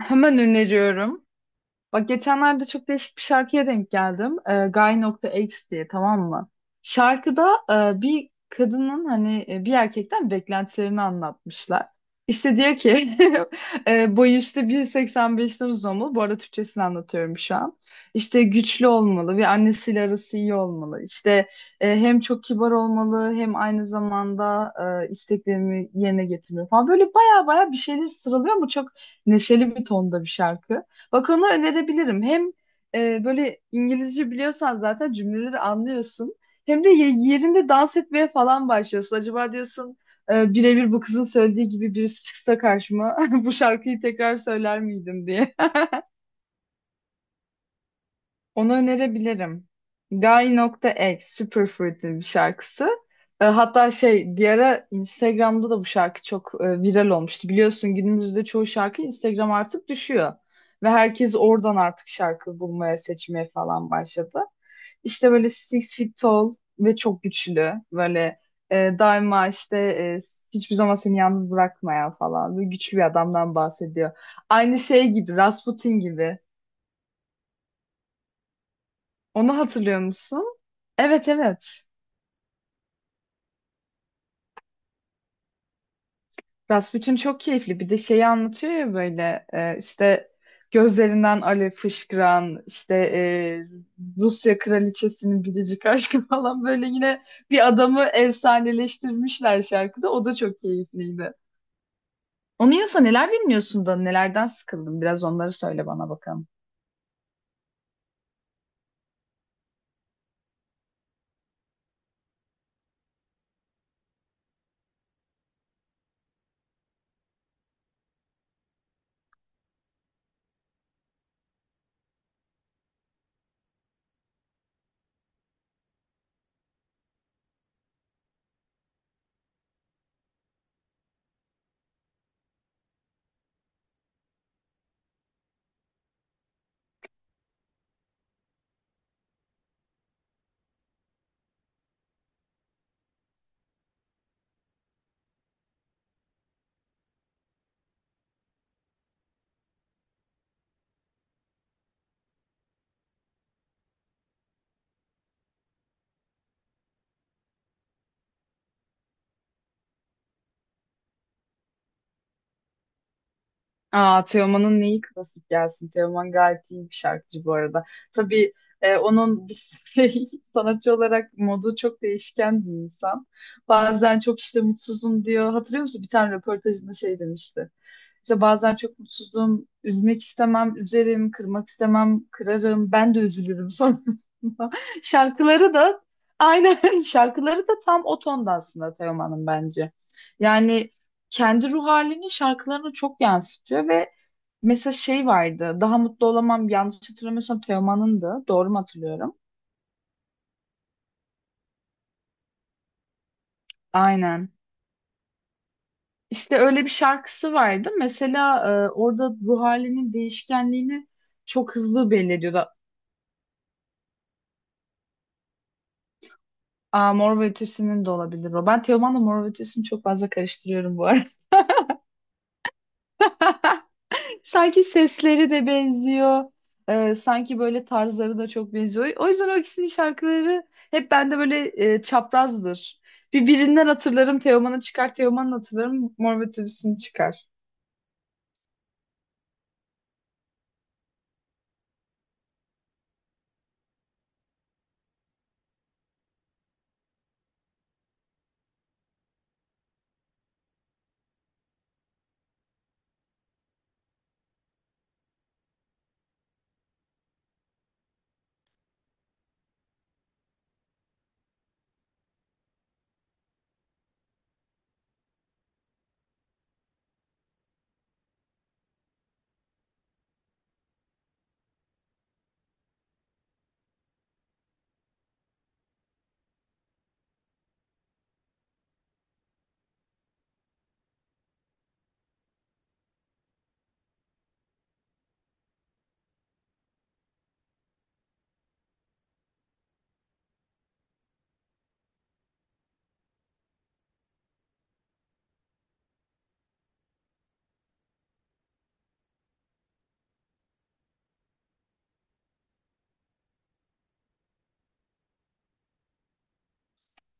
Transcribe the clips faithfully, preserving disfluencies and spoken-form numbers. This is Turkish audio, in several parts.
Hemen öneriyorum. Bak geçenlerde çok değişik bir şarkıya denk geldim. Ee, Guy.X diye, tamam mı? Şarkıda e, bir kadının hani e, bir erkekten beklentilerini anlatmışlar. İşte diyor ki e, boyu işte bir seksen beşten uzun olmalı. Bu arada Türkçesini anlatıyorum şu an. İşte güçlü olmalı ve annesiyle arası iyi olmalı. İşte e, hem çok kibar olmalı, hem aynı zamanda e, isteklerimi yerine getirmeli falan. Böyle baya baya bir şeyler sıralıyor ama çok neşeli bir tonda bir şarkı. Bak, onu önerebilirim. Hem e, böyle İngilizce biliyorsan zaten cümleleri anlıyorsun. Hem de ye- yerinde dans etmeye falan başlıyorsun. Acaba diyorsun, e, birebir bu kızın söylediği gibi birisi çıksa karşıma bu şarkıyı tekrar söyler miydim diye. Onu önerebilirim. Guy.X Superfruit'in bir şarkısı. E, Hatta şey, bir ara Instagram'da da bu şarkı çok e, viral olmuştu. Biliyorsun, günümüzde çoğu şarkı Instagram artık düşüyor. Ve herkes oradan artık şarkı bulmaya, seçmeye falan başladı. İşte böyle six feet tall ve çok güçlü. Böyle e, daima işte e, hiçbir zaman seni yalnız bırakmayan falan. Böyle güçlü bir adamdan bahsediyor. Aynı şey gibi, Rasputin gibi. Onu hatırlıyor musun? Evet, evet. Rasputin çok keyifli. Bir de şeyi anlatıyor ya, böyle e, işte gözlerinden alev fışkıran, işte e, Rusya kraliçesinin biricik aşkı falan, böyle yine bir adamı efsaneleştirmişler şarkıda. O da çok keyifliydi. Onun yanında neler dinliyorsun da nelerden sıkıldın? Biraz onları söyle bana bakalım. Aa, Teoman'ın neyi klasik gelsin? Teoman gayet iyi bir şarkıcı bu arada. Tabii, e, onun bir şey, sanatçı olarak modu çok değişken bir insan. Bazen çok işte mutsuzum diyor. Hatırlıyor musun? Bir tane röportajında şey demişti. İşte bazen çok mutsuzum, üzmek istemem, üzerim, kırmak istemem, kırarım. Ben de üzülürüm sonrasında. Şarkıları da aynen, şarkıları da tam o tonda aslında Teoman'ın bence. Yani kendi ruh halini şarkılarına çok yansıtıyor ve mesela şey vardı. Daha mutlu olamam, yanlış hatırlamıyorsam Teoman'ındı. Doğru mu hatırlıyorum? Aynen. İşte öyle bir şarkısı vardı. Mesela e, orada ruh halinin değişkenliğini çok hızlı belli ediyordu. Aa, Mor ve Ötesi'nin de olabilir o. Ben Teoman'la Mor ve Ötesi'ni çok fazla karıştırıyorum bu arada. Sanki sesleri de benziyor. Ee, sanki böyle tarzları da çok benziyor. O yüzden o ikisinin şarkıları hep bende böyle e, çaprazdır. Bir birinden hatırlarım Teoman'ı çıkar, Teoman'ın hatırlarım Mor ve Ötesi'ni çıkar.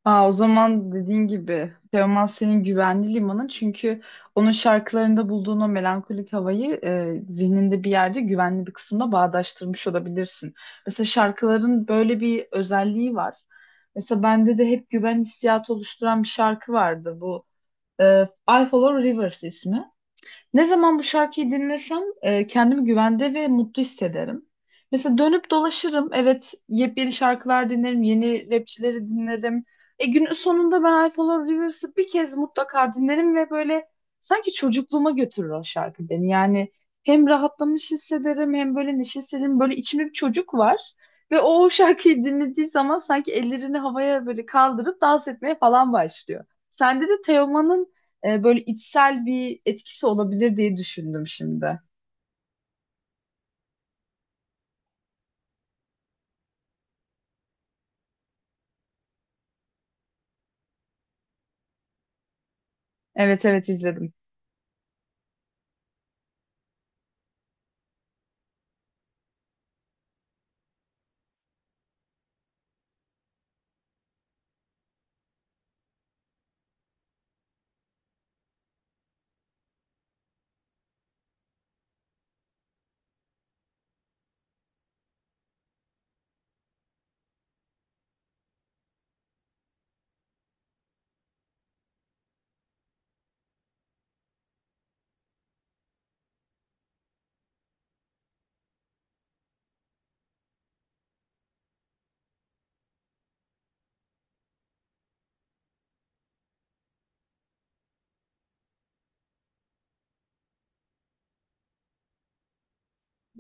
Aa, o zaman dediğin gibi Teoman senin güvenli limanın, çünkü onun şarkılarında bulduğun o melankolik havayı e, zihninde bir yerde güvenli bir kısımda bağdaştırmış olabilirsin. Mesela şarkıların böyle bir özelliği var. Mesela bende de hep güven hissiyatı oluşturan bir şarkı vardı bu. E, I Follow Rivers ismi. Ne zaman bu şarkıyı dinlesem e, kendimi güvende ve mutlu hissederim. Mesela dönüp dolaşırım. Evet, yepyeni şarkılar dinlerim, yeni rapçileri dinlerim. E, günün sonunda ben I Follow Rivers'ı bir kez mutlaka dinlerim ve böyle sanki çocukluğuma götürür o şarkı beni. Yani hem rahatlamış hissederim, hem böyle neşe hissederim. Böyle içimde bir çocuk var ve o, o şarkıyı dinlediği zaman sanki ellerini havaya böyle kaldırıp dans etmeye falan başlıyor. Sende de Teoman'ın e, böyle içsel bir etkisi olabilir diye düşündüm şimdi. Evet, evet, izledim.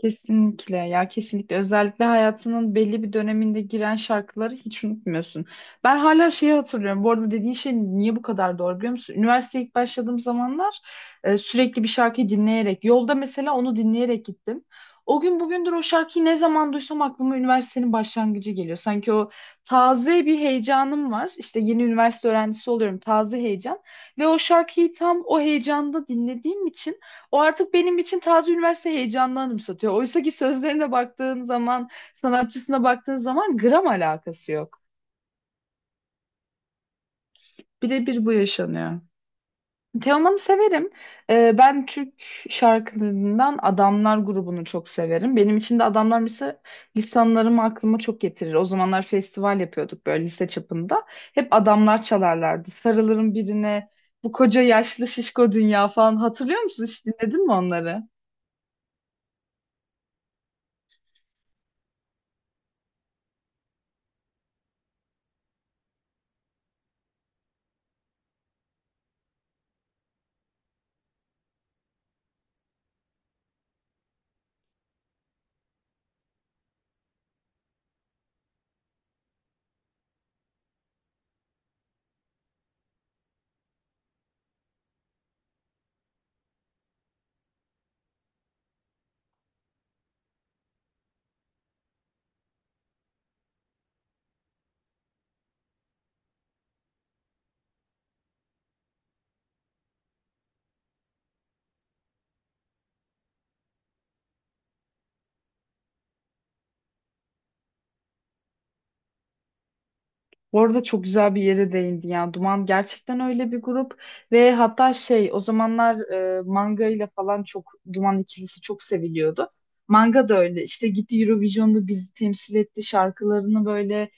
Kesinlikle ya, kesinlikle, özellikle hayatının belli bir döneminde giren şarkıları hiç unutmuyorsun. Ben hala şeyi hatırlıyorum. Bu arada dediğin şey niye bu kadar doğru biliyor musun? Üniversiteye ilk başladığım zamanlar e, sürekli bir şarkıyı dinleyerek yolda, mesela onu dinleyerek gittim. O gün bugündür o şarkıyı ne zaman duysam aklıma üniversitenin başlangıcı geliyor. Sanki o taze bir heyecanım var. İşte yeni üniversite öğrencisi oluyorum, taze heyecan ve o şarkıyı tam o heyecanda dinlediğim için o artık benim için taze üniversite heyecanını anımsatıyor. Oysa ki sözlerine baktığın zaman, sanatçısına baktığın zaman gram alakası yok. Birebir bu yaşanıyor. Teoman'ı severim. Ee, ben Türk şarkılarından Adamlar grubunu çok severim. Benim için de Adamlar mesela lisanlarımı aklıma çok getirir. O zamanlar festival yapıyorduk böyle lise çapında. Hep Adamlar çalarlardı. Sarılırım birine, bu koca yaşlı şişko dünya falan. Hatırlıyor musun? Hiç dinledin mi onları? Bu arada çok güzel bir yere değindi ya. Duman gerçekten öyle bir grup ve hatta şey, o zamanlar e, manga ile falan çok Duman ikilisi çok seviliyordu. Manga da öyle, işte gitti Eurovision'da bizi temsil etti, şarkılarını böyle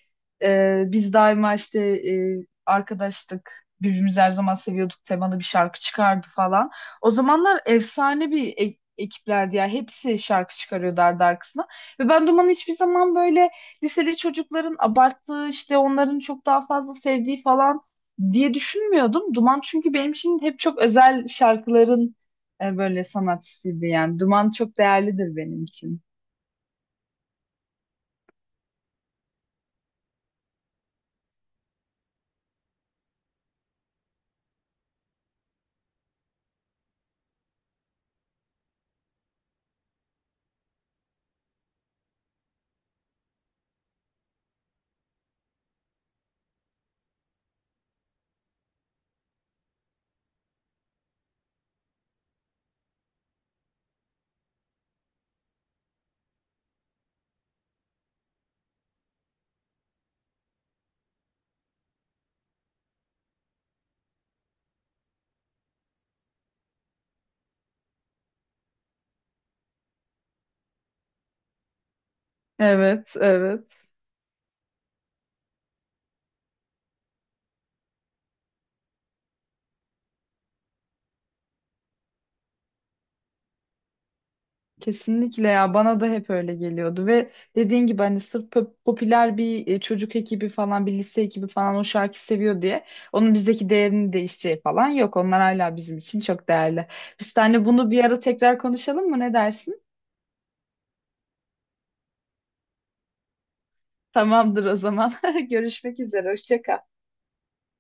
e, biz daima işte e, arkadaştık, birbirimizi her zaman seviyorduk temalı bir şarkı çıkardı falan. O zamanlar efsane bir e- ekiplerdi ya, hepsi şarkı çıkarıyordu ardı arkasına ve ben Duman'ı hiçbir zaman böyle liseli çocukların abarttığı, işte onların çok daha fazla sevdiği falan diye düşünmüyordum. Duman çünkü benim için hep çok özel şarkıların e, böyle sanatçısıydı yani. Duman çok değerlidir benim için. Evet, evet. Kesinlikle ya, bana da hep öyle geliyordu ve dediğin gibi hani sırf pop- popüler bir e, çocuk ekibi falan, bir lise ekibi falan o şarkı seviyor diye onun bizdeki değerini değişeceği falan yok. Onlar hala bizim için çok değerli. Biz seninle bunu bir ara tekrar konuşalım mı? Ne dersin? Tamamdır o zaman. Görüşmek üzere. Hoşça kal.